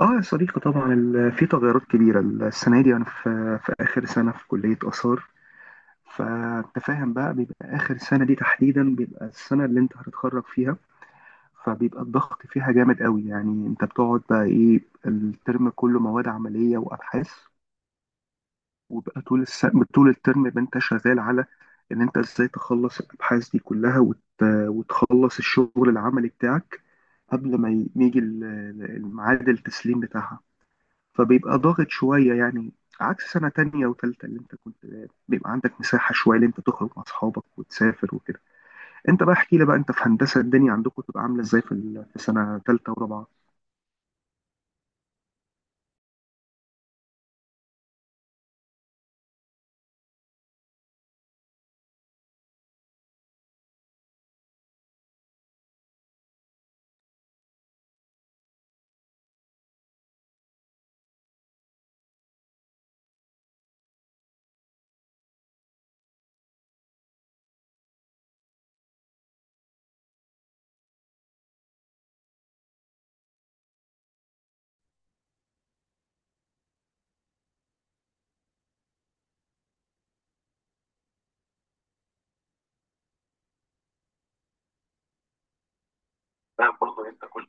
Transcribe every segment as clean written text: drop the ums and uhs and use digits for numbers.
اه يا صديقي، طبعا في تغيرات كبيرة السنة دي. أنا في آخر سنة في كلية آثار. فأنت فاهم بقى، بيبقى آخر سنة دي تحديدا بيبقى السنة اللي أنت هتتخرج فيها، فبيبقى الضغط فيها جامد قوي. يعني أنت بتقعد بقى إيه؟ الترم كله مواد عملية وأبحاث. وبقى طول الترم يبقى أنت شغال على إن أنت إزاي تخلص الأبحاث دي كلها وتخلص الشغل العملي بتاعك، قبل ما يجي الميعاد التسليم بتاعها. فبيبقى ضاغط شوية يعني، عكس سنة تانية وتالتة اللي انت كنت بيبقى عندك مساحة شوية اللي انت تخرج مع اصحابك وتسافر وكده. انت بقى احكي لي، بقى انت في هندسة الدنيا عندكم تبقى عاملة ازاي في سنة تالتة ورابعة؟ لا برضه انت كل.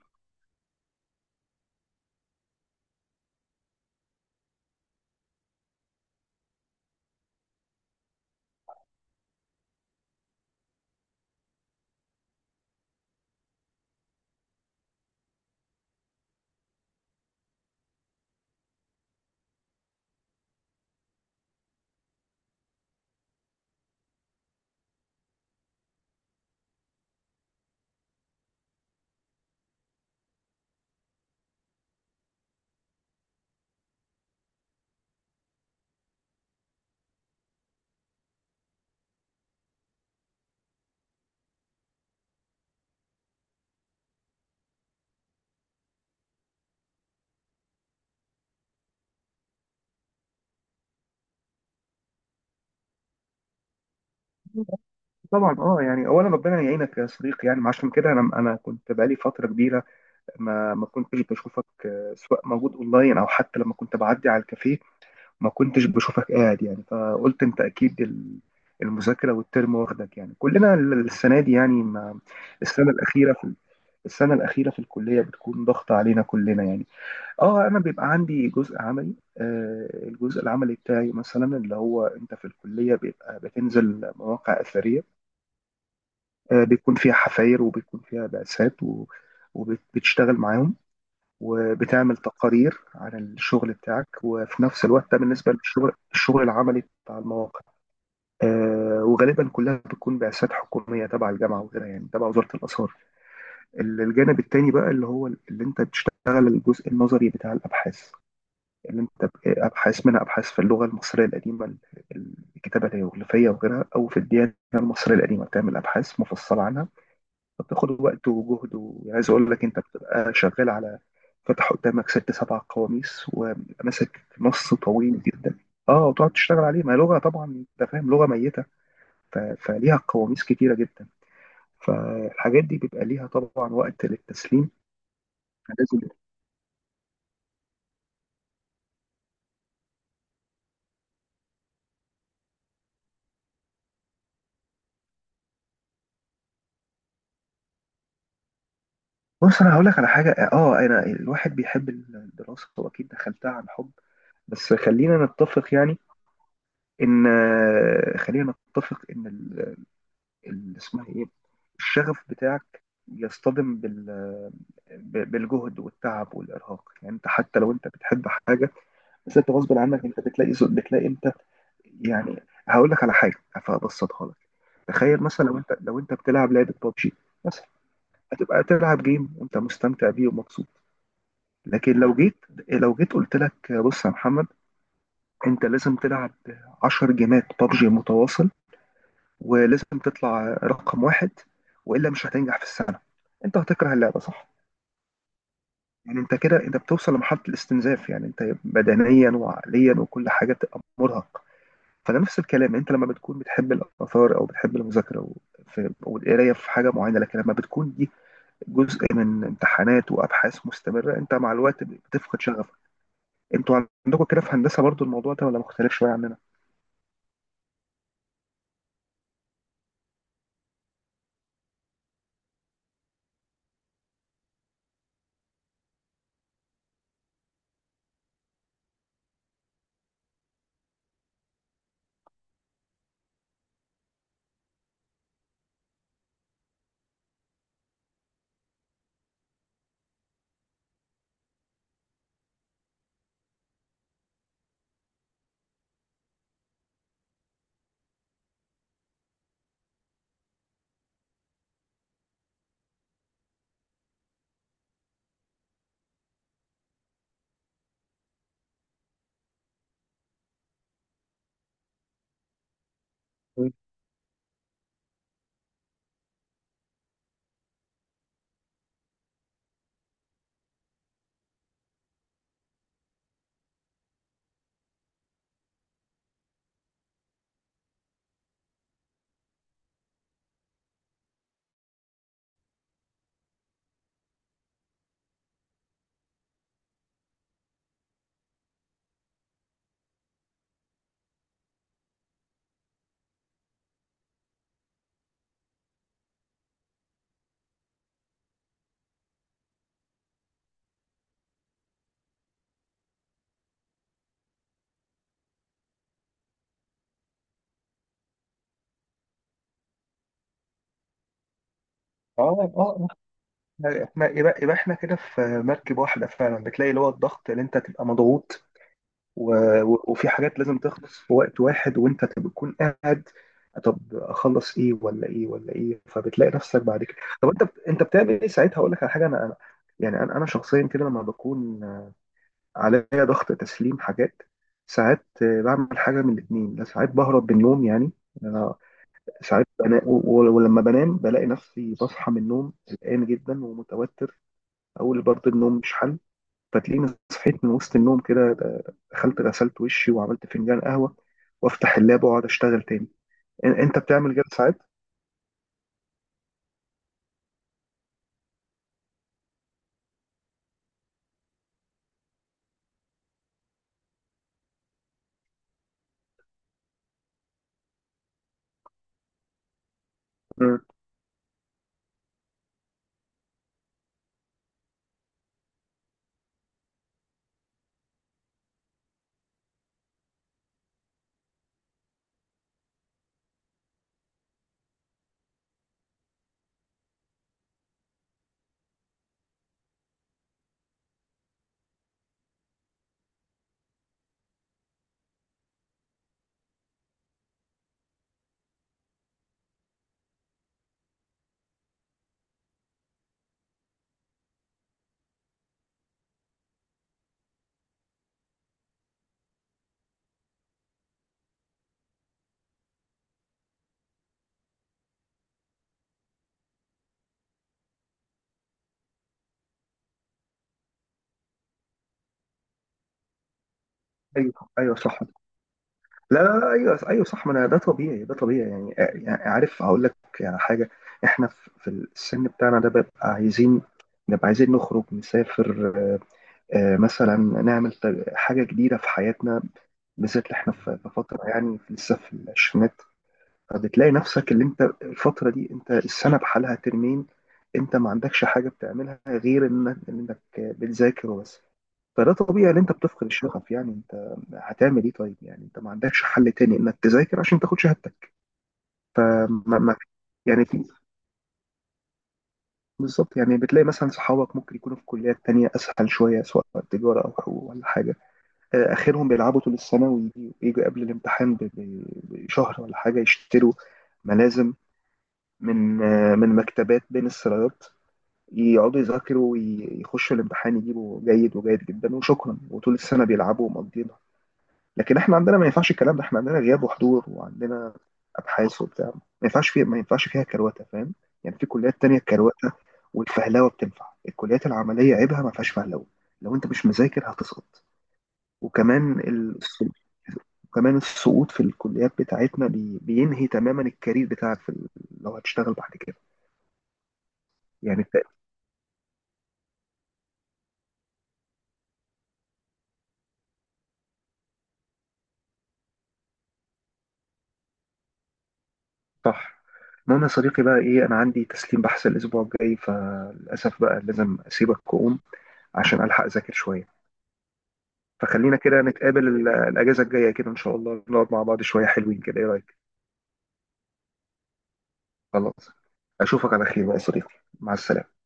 طبعا. اه يعني اولا ربنا يعينك يا صديقي، يعني عشان كده انا كنت بقالي فتره كبيره ما كنتش بشوفك، سواء موجود اونلاين او حتى لما كنت بعدي على الكافيه ما كنتش بشوفك قاعد. يعني فقلت انت اكيد، المذاكره والترم واخدك، يعني كلنا السنه دي يعني، ما السنه الاخيره في السنه الاخيره في الكليه بتكون ضغط علينا كلنا يعني. اه انا بيبقى عندي جزء عملي. الجزء العملي بتاعي مثلا اللي هو انت في الكليه، بيبقى بتنزل مواقع اثريه، بيكون فيها حفاير وبيكون فيها بعثات وبتشتغل معاهم، وبتعمل تقارير عن الشغل بتاعك. وفي نفس الوقت ده، بالنسبة للشغل، العملي بتاع المواقع، وغالبا كلها بتكون بعثات حكومية تبع الجامعة وكده، يعني تبع وزارة الآثار. الجانب التاني بقى اللي هو اللي انت بتشتغل، الجزء النظري بتاع الأبحاث اللي انت أبحاث، منها أبحاث في اللغة المصرية القديمة، الكتابة الهيروغليفية وغيرها، أو في الديانة المصرية القديمة بتعمل أبحاث مفصلة عنها. فبتاخد وقت وجهد، وعايز اقول لك انت بتبقى شغال على فتح قدامك ست سبع قواميس وماسك نص طويل جدا. اه وتقعد تشتغل عليه. ما هي لغه طبعا، انت فاهم، لغه ميته فليها قواميس كتيره جدا. فالحاجات دي بيبقى ليها طبعا وقت للتسليم، فلازم. بص انا هقول لك على حاجه. اه انا الواحد بيحب الدراسه، واكيد دخلتها عن حب، بس خلينا نتفق يعني، ان خلينا نتفق ان اسمها ايه، الشغف بتاعك يصطدم بالجهد والتعب والارهاق. يعني انت حتى لو انت بتحب حاجه، بس انت غصب عنك انت بتلاقي انت يعني. هقول لك على حاجه فابسطها لك. تخيل مثلا لو انت، بتلعب لعبه ببجي مثلا، هتبقى تلعب جيم وانت مستمتع بيه ومبسوط. لكن لو جيت، قلت لك بص يا محمد، انت لازم تلعب 10 جيمات ببجي متواصل، ولازم تطلع رقم واحد، والا مش هتنجح في السنه. انت هتكره اللعبه صح؟ يعني انت كده انت بتوصل لمرحله الاستنزاف، يعني انت بدنيا وعقليا وكل حاجه تبقى مرهق. فده نفس الكلام، انت لما بتكون بتحب الاثار او بتحب المذاكره والقرايه في حاجه معينه، لكن لما بتكون دي جزء من امتحانات وابحاث مستمره انت مع الوقت بتفقد شغفك. انتوا عندكم كده في هندسه برضو الموضوع ده ولا مختلف شويه عننا؟ اه اه، يبقى احنا كده في مركب واحدة فعلا. بتلاقي اللي هو الضغط اللي انت تبقى مضغوط و... وفي حاجات لازم تخلص في وقت واحد وانت تكون قاعد، طب اخلص ايه ولا ايه ولا ايه، فبتلاقي نفسك بعد كده. طب انت بتعمل ايه ساعتها؟ اقول لك على حاجة. انا يعني انا شخصيا كده لما بكون عليا ضغط تسليم حاجات، ساعات بعمل حاجة من الاتنين. لا، ساعات بهرب من النوم، يعني أنا ساعات ولما بنام بلاقي نفسي بصحى من النوم قلقان جدا ومتوتر، اقول برضه النوم مش حل. فتلاقيني صحيت من وسط النوم كده، دخلت غسلت وشي، وعملت فنجان قهوه، وافتح اللاب واقعد اشتغل تاني. انت بتعمل كده ساعات؟ مم. ايوه، ايوه صح. لا، لا، لا، ايوه، ايوه صح. ما انا، ده طبيعي، ده طبيعي يعني، عارف هقول لك يعني حاجه. احنا في السن بتاعنا ده بيبقى عايزين نبقى عايزين نخرج نسافر، مثلا نعمل حاجه جديده في حياتنا، بالذات اللي احنا في فتره يعني لسه في العشرينات. فبتلاقي نفسك اللي انت الفترة دي انت السنة بحالها ترمين، انت ما عندكش حاجة بتعملها غير انك بتذاكر وبس. فده طبيعي ان انت بتفقد الشغف. يعني انت هتعمل ايه طيب، يعني انت ما عندكش حل تاني انك تذاكر عشان تاخد شهادتك. فما ما يعني في. بالظبط، يعني بتلاقي مثلا صحابك ممكن يكونوا في كليات تانية اسهل شوية، سواء تجارة او حقوق ولا حاجة، اخرهم بيلعبوا طول السنة، يجوا قبل الامتحان بشهر ولا حاجة، يشتروا ملازم من مكتبات بين السرايات، يقعدوا يذاكروا ويخشوا الامتحان، يجيبوا جيد وجيد جدا وشكرا، وطول السنة بيلعبوا ومقضينها. لكن احنا عندنا ما ينفعش الكلام ده، احنا عندنا غياب وحضور، وعندنا ابحاث وبتاع ما ينفعش فيها كرواتة، فاهم؟ يعني في كليات تانية الكرواتة والفهلوة بتنفع، الكليات العملية عيبها ما فيهاش فهلوة. لو انت مش مذاكر هتسقط. وكمان ال... وكمان السقوط في الكليات بتاعتنا بينهي تماما الكارير بتاعك لو هتشتغل بعد كده، يعني. صح. المهم يا صديقي بقى ايه، انا عندي تسليم بحث الاسبوع الجاي، فللاسف بقى لازم اسيبك واقوم عشان الحق اذاكر شويه. فخلينا كده نتقابل الاجازه الجايه كده، ان شاء الله نقعد مع بعض شويه حلوين كده، ايه رايك؟ خلاص، اشوفك على خير بقى يا صديقي، مع السلامه.